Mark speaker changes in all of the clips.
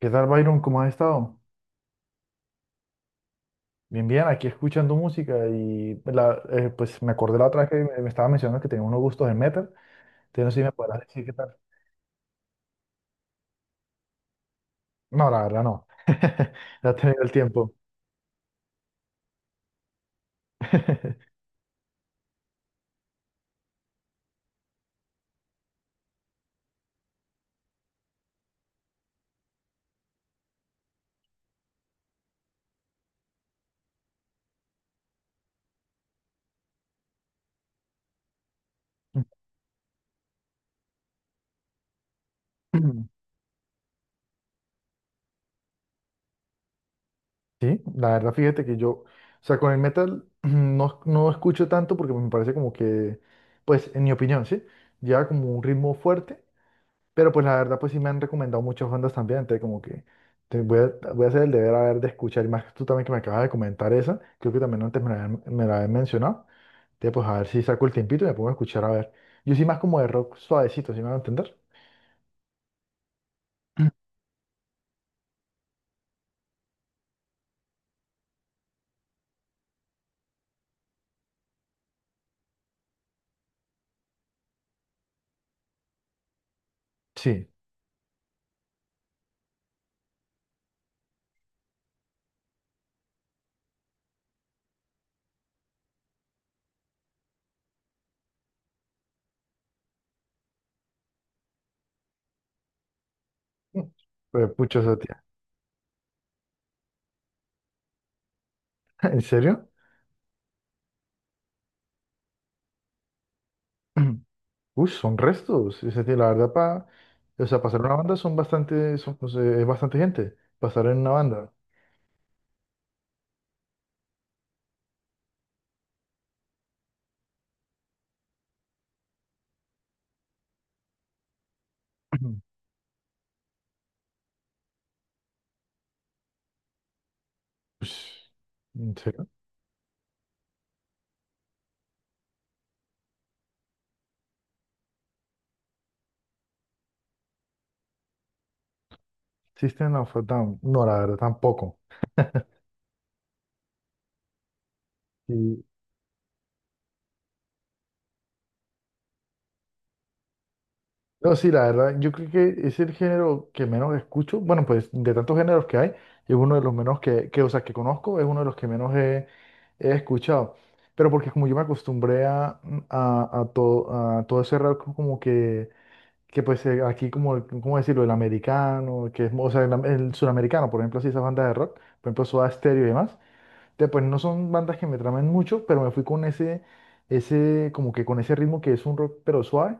Speaker 1: ¿Qué tal, Byron? ¿Cómo has estado? Bien, bien, aquí escuchando música pues me acordé la otra vez que me estaba mencionando que tenía unos gustos en metal. Entonces no sé si me podrás decir qué tal. No, la verdad no. No he tenido el tiempo. Sí, la verdad, fíjate que yo, o sea, con el metal no escucho tanto porque me parece como que, pues, en mi opinión, ¿sí? Lleva como un ritmo fuerte. Pero pues la verdad, pues sí me han recomendado muchas bandas también, entonces como que voy a hacer el deber a ver de escuchar, y más tú también que me acabas de comentar esa, creo que también antes me la habían mencionado, entonces pues a ver si saco el tiempito y me pongo a escuchar a ver. Yo sí más como de rock suavecito, ¿sí me van a entender? Sí. Mm. Pues pucho esa tía. ¿En serio? Uy, son restos, esa tía, la verdad, para, o sea, pasar en una banda son bastante, son, pues, es bastante gente, pasar en una banda. Ush, ¿en serio? System of a Down, no, la verdad tampoco. Sí. No, sí, la verdad, yo creo que es el género que menos escucho. Bueno, pues de tantos géneros que hay, es uno de los menos o sea, que conozco, es uno de los que menos he escuchado. Pero porque como yo me acostumbré a, a todo ese rock como que pues aquí como, ¿cómo decirlo? El americano, que es, o sea, el sudamericano, por ejemplo, así esa banda de rock, por ejemplo, Soda Stereo y demás. Pues no son bandas que me tramen mucho, pero me fui con como que con ese ritmo que es un rock pero suave.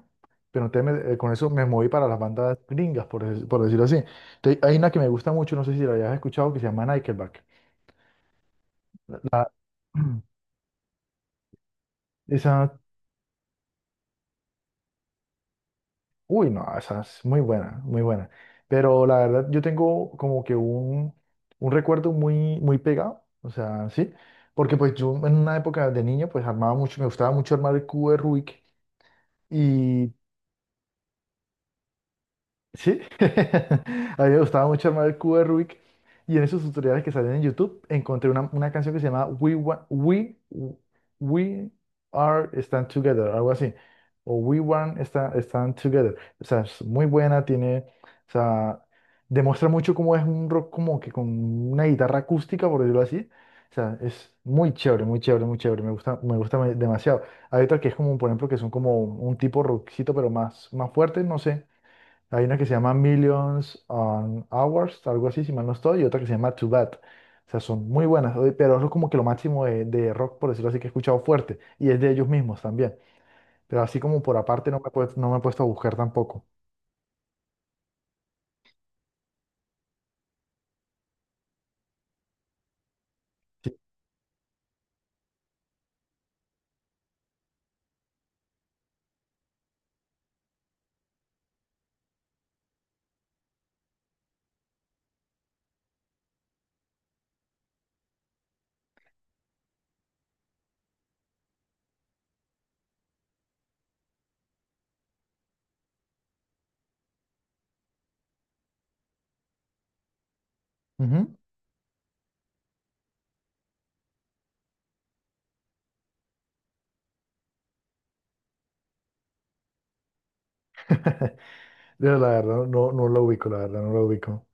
Speaker 1: Pero entonces con eso me moví para las bandas gringas, por decirlo así. Entonces, hay una que me gusta mucho, no sé si la hayas escuchado, que se llama Nickelback. Mm. Esa, uy, no, esa es muy buena, muy buena. Pero la verdad, yo tengo como que un recuerdo muy, muy pegado, o sea, sí, porque pues yo en una época de niño, pues armaba mucho, me gustaba mucho armar el cubo de Rubik. Sí, a mí me gustaba mucho armar el cubo de Rubik y en esos tutoriales que salen en YouTube encontré una canción que se llama We Are Stand Together, algo así, o Stand Together. O sea, es muy buena, tiene, o sea, demuestra mucho cómo es un rock como que con una guitarra acústica, por decirlo así. O sea, es muy chévere, muy chévere, muy chévere, me gusta, demasiado. Hay otra que es como, por ejemplo, que son como un tipo rockcito, pero más fuerte, no sé. Hay una que se llama Millions on Hours, algo así, si mal no estoy, y otra que se llama Too Bad. O sea, son muy buenas, oye, pero eso es como que lo máximo de rock, por decirlo así, que he escuchado fuerte, y es de ellos mismos también. Pero así como por aparte no me he puesto a buscar tampoco. Sí. Ujú. Yo la verdad no, no lo ubico, la verdad no lo ubico.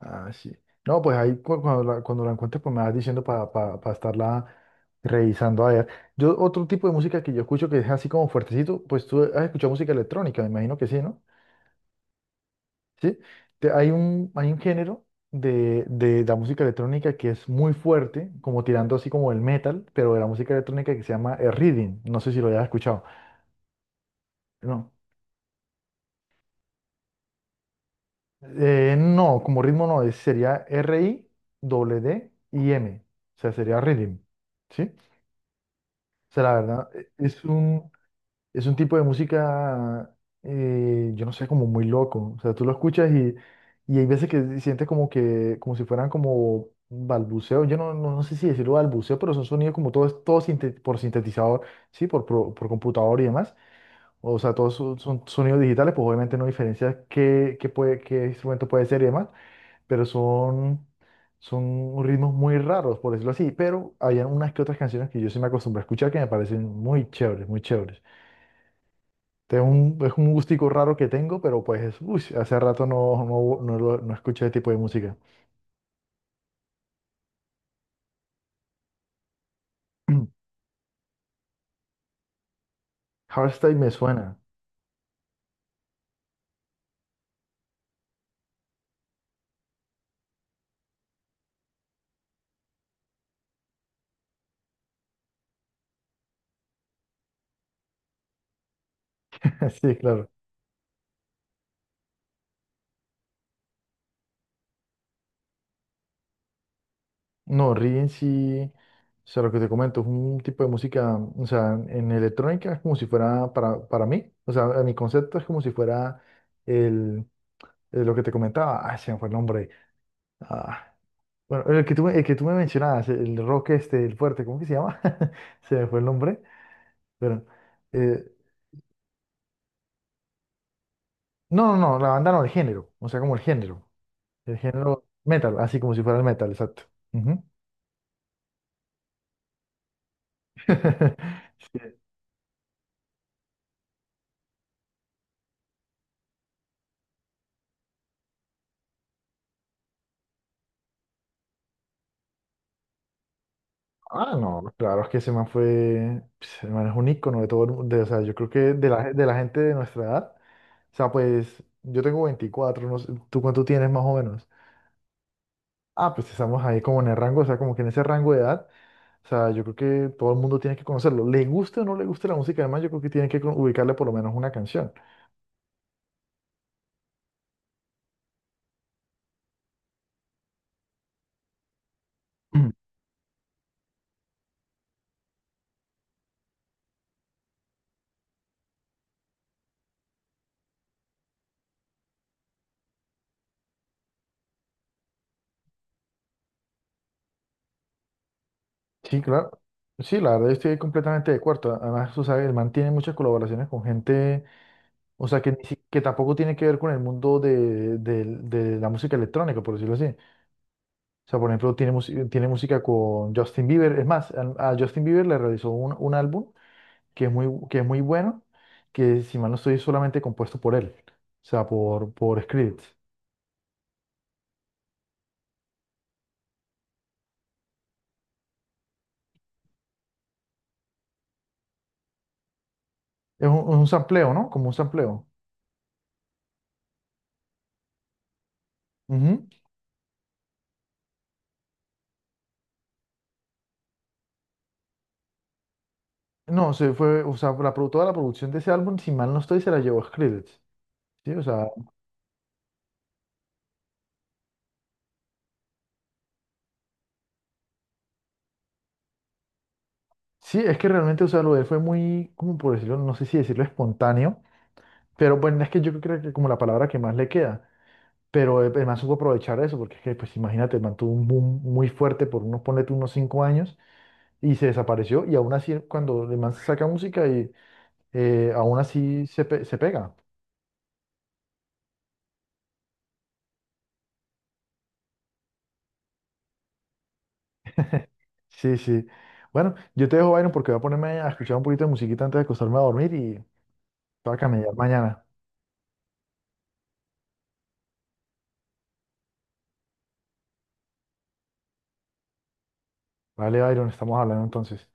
Speaker 1: Ah, sí. No, pues cuando cuando la encuentres, pues me vas diciendo para estarla revisando. A ver, yo otro tipo de música que yo escucho que es así como fuertecito, pues tú has escuchado música electrónica, me imagino que sí, ¿no? ¿Sí? Hay hay un género de la música electrónica que es muy fuerte, como tirando así como el metal, pero de la música electrónica que se llama el reading. No sé si lo hayas escuchado. No, no, como ritmo no, sería R-I, D D y M. O sea, sería reading, ¿sí? O sea, la verdad, es un tipo de música, yo no sé, como muy loco. O sea, tú lo escuchas y hay veces que sientes como que, como si fueran como balbuceo. Yo no sé si decirlo balbuceo, pero son sonidos como todo, por sintetizador, sí, computador y demás. O sea, todos son, son sonidos digitales, pues obviamente no diferencias qué instrumento puede ser y demás, pero son, son ritmos muy raros, por decirlo así. Pero había unas que otras canciones que yo sí me acostumbré a escuchar que me parecen muy chéveres, muy chéveres. Este es es un gustico raro que tengo, pero pues, uy, hace rato no escuché ese tipo de música. Hardstyle me suena. Sí, claro. No, Rigen sí, o sea, lo que te comento, es un tipo de música, o sea, en electrónica es como si fuera para mí, o sea, a mi concepto es como si fuera el, lo que te comentaba, ah, se me fue el nombre. Ah, bueno, el que tú me mencionabas, el rock este, el fuerte, ¿cómo que se llama? Se me fue el nombre, pero eh, no, no, no, la banda no, el género, o sea, como el género metal, así como si fuera el metal, exacto. Ujú. Sí. Ah, no, claro, es que ese man fue, pues, el man es un ícono de todo el mundo, o sea, yo creo que de la gente de nuestra edad, o sea, pues, yo tengo 24, no sé, ¿tú cuánto tienes más o menos? Ah, pues estamos ahí como en el rango, o sea, como que en ese rango de edad, o sea, yo creo que todo el mundo tiene que conocerlo, le guste o no le guste la música, además yo creo que tienen que ubicarle por lo menos una canción. Sí, claro. Sí, la verdad estoy completamente de acuerdo. Además, tú sabes, el man tiene muchas colaboraciones con gente, o sea, que, ni si- que tampoco tiene que ver con el mundo de la música electrónica, por decirlo así. O sea, por ejemplo, tiene música con Justin Bieber. Es más, a Justin Bieber le realizó un álbum que es muy bueno, que si mal no estoy, es solamente compuesto por él. O sea, por Skrillex. Es un sampleo, ¿no? Como un sampleo. Ujú. No, se fue, o sea, toda la producción de ese álbum, si mal no estoy, se la llevó Skrillex. Sí, o sea, sí, es que realmente, o sea, lo de él fue muy, como por decirlo, no sé si decirlo espontáneo, pero bueno, es que yo creo que como la palabra que más le queda, pero el man supo aprovechar eso, porque es que, pues imagínate, el man tuvo un boom muy fuerte por unos, ponle tú, unos 5 años y se desapareció y aún así cuando el man saca música y aún así se pega. Sí, sí. Bueno, yo te dejo, Byron, porque voy a ponerme a escuchar un poquito de musiquita antes de acostarme a dormir y para a camellar mañana. Vale, Byron, estamos hablando entonces.